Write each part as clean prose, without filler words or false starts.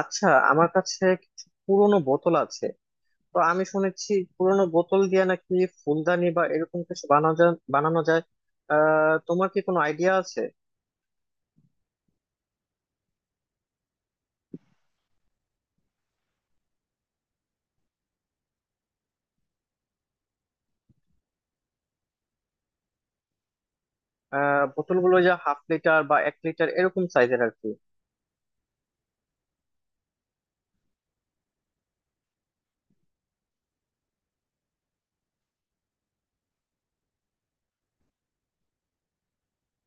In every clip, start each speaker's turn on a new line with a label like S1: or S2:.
S1: আচ্ছা, আমার কাছে কিছু পুরোনো বোতল আছে। তো আমি শুনেছি পুরোনো বোতল দিয়ে নাকি ফুলদানি বা এরকম কিছু বানানো যায়। তোমার কি কোনো আইডিয়া আছে? বোতলগুলো যা হাফ লিটার বা এক লিটার এরকম সাইজের আর কি।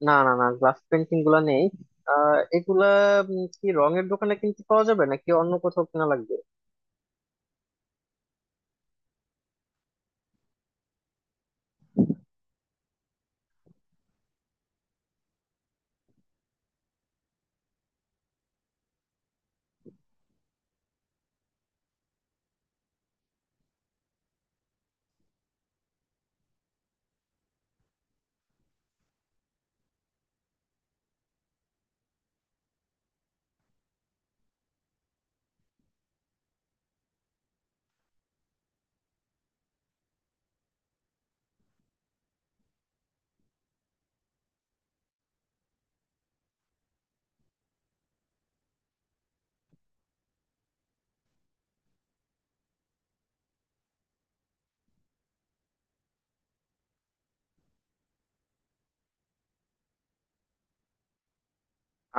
S1: না না না গ্লাস পেন্টিং গুলা নেই। আহ এগুলা কি রঙের দোকানে কিনতে পাওয়া যাবে নাকি অন্য কোথাও কিনা লাগবে?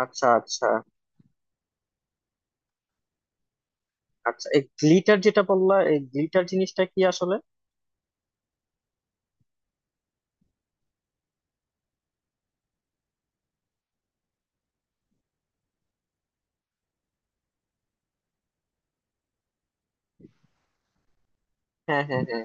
S1: আচ্ছা আচ্ছা। আচ্ছা, এই গ্লিটার যেটা বললা, এই গ্লিটার জিনিসটা কি আসলে? হ্যাঁ, হ্যাঁ, হ্যাঁ।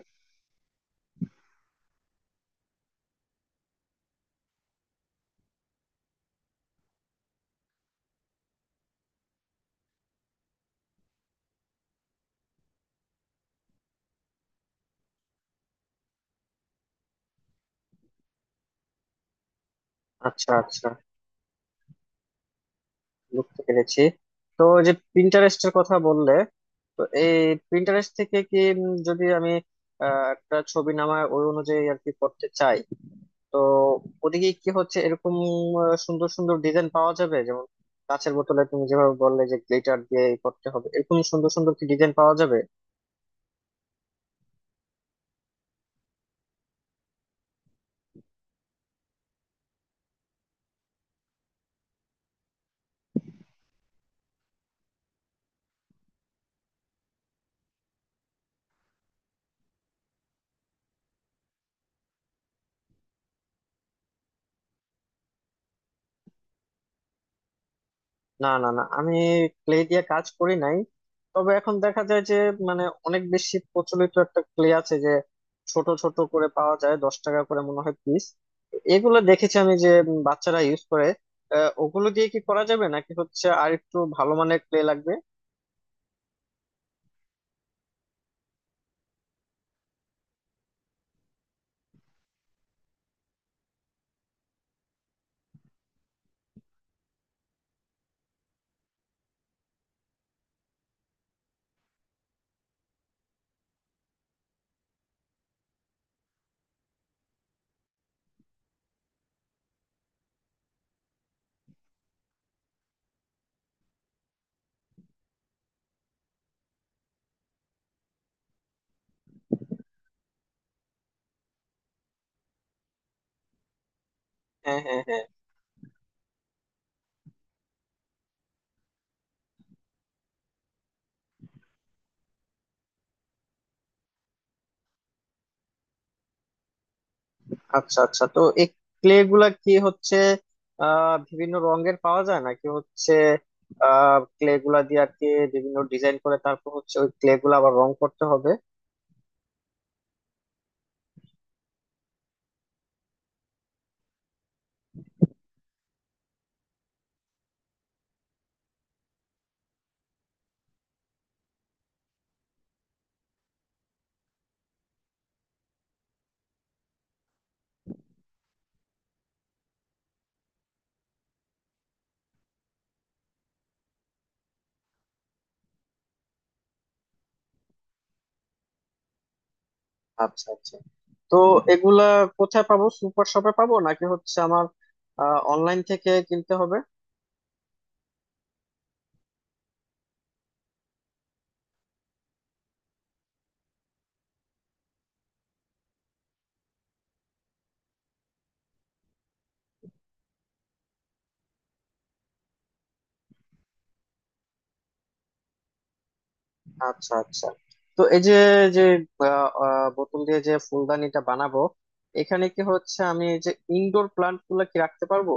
S1: আচ্ছা আচ্ছা, বুঝতে পেরেছি। তো যে প্রিন্টারেস্টের কথা বললে, তো এই প্রিন্টারেস্ট থেকে কি যদি আমি একটা ছবি নামায় ওই অনুযায়ী আর কি করতে চাই, তো ওদিকে কি হচ্ছে এরকম সুন্দর সুন্দর ডিজাইন পাওয়া যাবে? যেমন কাঁচের বোতলে তুমি যেভাবে বললে যে গ্লিটার দিয়ে করতে হবে, এরকম সুন্দর সুন্দর কি ডিজাইন পাওয়া যাবে? না না না আমি ক্লে দিয়ে কাজ করি নাই। তবে এখন দেখা যায় যে মানে অনেক বেশি প্রচলিত একটা ক্লে আছে যে ছোট ছোট করে পাওয়া যায়, 10 টাকা করে মনে হয় পিস। এগুলো দেখেছি আমি যে বাচ্চারা ইউজ করে। ওগুলো দিয়ে কি করা যাবে নাকি হচ্ছে আর একটু ভালো মানের ক্লে লাগবে? হ্যাঁ, হ্যাঁ, হ্যাঁ। আচ্ছা আচ্ছা। তো এই ক্লে গুলা কি হচ্ছে বিভিন্ন রঙের পাওয়া যায় নাকি হচ্ছে ক্লে গুলা দিয়ে আর কি বিভিন্ন ডিজাইন করে তারপর হচ্ছে ওই ক্লে গুলা আবার রং করতে হবে? আচ্ছা আচ্ছা। তো এগুলা কোথায় পাবো? সুপার শপে পাবো নাকি হচ্ছে আমার অনলাইন থেকে কিনতে হবে? আচ্ছা আচ্ছা। তো এই যে যে আহ, আহ, বোতল দিয়ে যে ফুলদানিটা বানাবো, এখানে কি হচ্ছে আমি এই যে ইনডোর প্লান্ট গুলা কি রাখতে পারবো?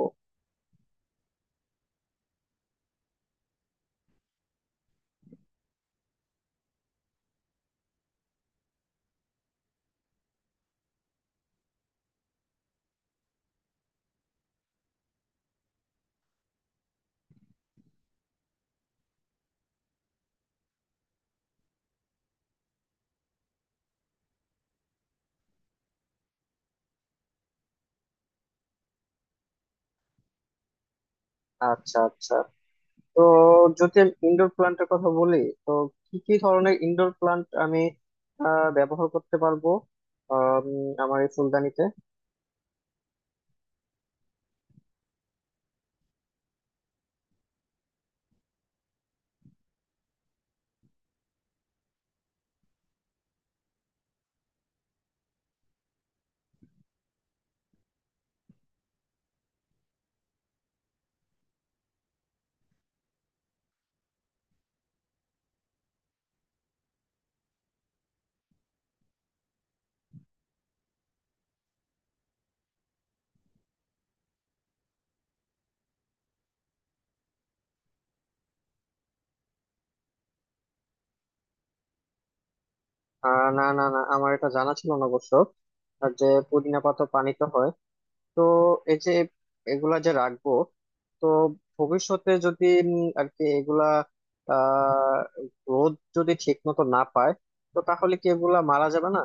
S1: আচ্ছা আচ্ছা। তো যদি আমি ইনডোর প্লান্টের কথা বলি, তো কি কি ধরনের ইনডোর প্লান্ট আমি ব্যবহার করতে পারবো আম, আমার এই ফুলদানিতে? না, না, না, আমার এটা জানা ছিল না অবশ্য। আর যে পুদিনা পাতা পানিতে হয়। তো এই যে এগুলা যে রাখবো, তো ভবিষ্যতে যদি আর কি এগুলা আহ রোদ যদি ঠিক মতো না পায়, তো তাহলে কি এগুলা মারা যাবে না?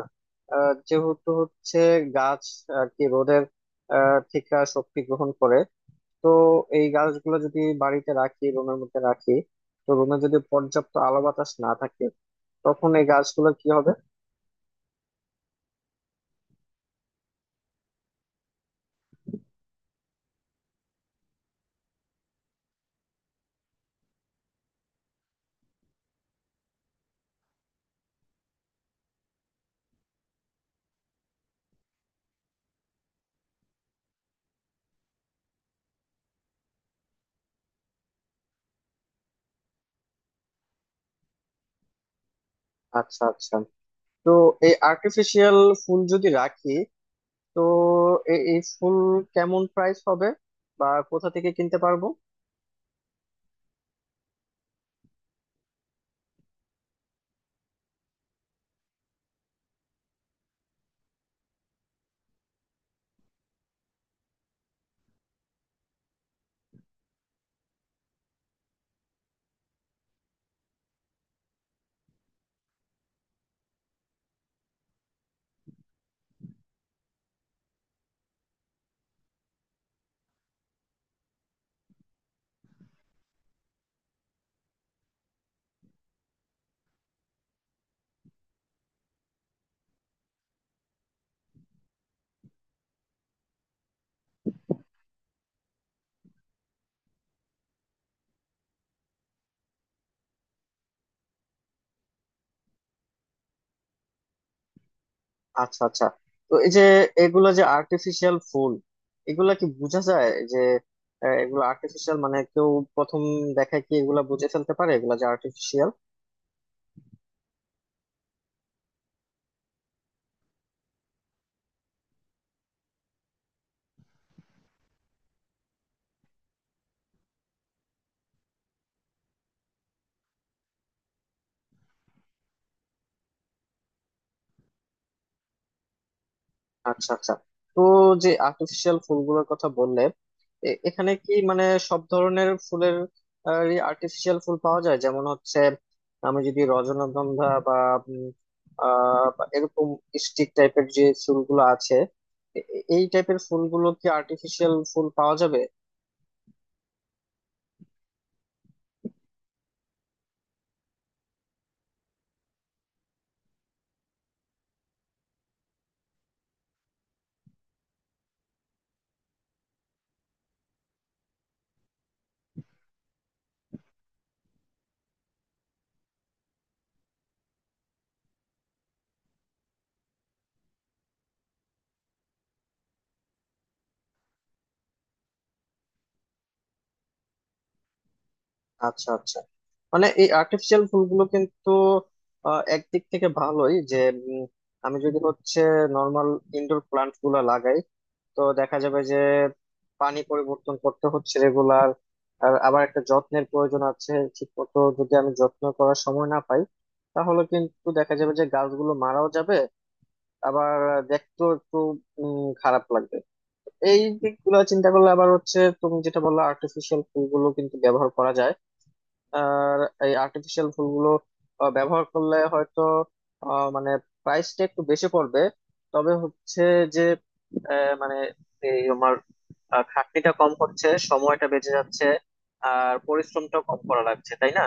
S1: যেহেতু হচ্ছে গাছ আর কি রোদের থেকে শক্তি গ্রহণ করে, তো এই গাছগুলো যদি বাড়িতে রাখি, রুমের মধ্যে রাখি, তো রুমে যদি পর্যাপ্ত আলো বাতাস না থাকে, তখন এই গাছগুলো কি হবে? আচ্ছা আচ্ছা। তো এই আর্টিফিশিয়াল ফুল যদি রাখি, তো এই ফুল কেমন প্রাইস হবে বা কোথা থেকে কিনতে পারবো? আচ্ছা আচ্ছা। তো এই যে এগুলা যে আর্টিফিশিয়াল ফুল, এগুলা কি বোঝা যায় যে এগুলো আর্টিফিশিয়াল? মানে কেউ প্রথম দেখায় কি এগুলা বুঝে ফেলতে পারে এগুলা যে আর্টিফিশিয়াল? আচ্ছা আচ্ছা। তো যে আর্টিফিশিয়াল ফুলগুলোর কথা বললে, এখানে কি মানে সব ধরনের ফুলের আর্টিফিশিয়াল ফুল পাওয়া যায়? যেমন হচ্ছে আমি যদি রজনীগন্ধা বা উম, বা এরকম স্টিক টাইপের যে ফুলগুলো আছে, এই টাইপের ফুলগুলো কি আর্টিফিশিয়াল ফুল পাওয়া যাবে? আচ্ছা আচ্ছা। মানে এই আর্টিফিশিয়াল ফুলগুলো কিন্তু একদিক থেকে ভালোই যে উম, আমি যদি হচ্ছে নর্মাল ইনডোর প্লান্ট গুলা লাগাই, তো দেখা যাবে যে পানি পরিবর্তন করতে হচ্ছে রেগুলার, আর আবার একটা যত্নের প্রয়োজন আছে। ঠিক মতো যদি আমি যত্ন করার সময় না পাই, তাহলে কিন্তু দেখা যাবে যে গাছগুলো মারাও যাবে, আবার দেখতেও একটু খারাপ লাগবে। এই দিকগুলো চিন্তা করলে আবার হচ্ছে তুমি যেটা বললো আর্টিফিশিয়াল ফুলগুলো কিন্তু ব্যবহার করা যায়। আর এই আর্টিফিশিয়াল ফুলগুলো ব্যবহার করলে হয়তো মানে প্রাইসটা একটু বেশি পড়বে, তবে হচ্ছে যে মানে এই আমার খাটনিটা কম হচ্ছে, সময়টা বেঁচে যাচ্ছে, আর পরিশ্রমটাও কম করা লাগছে, তাই না?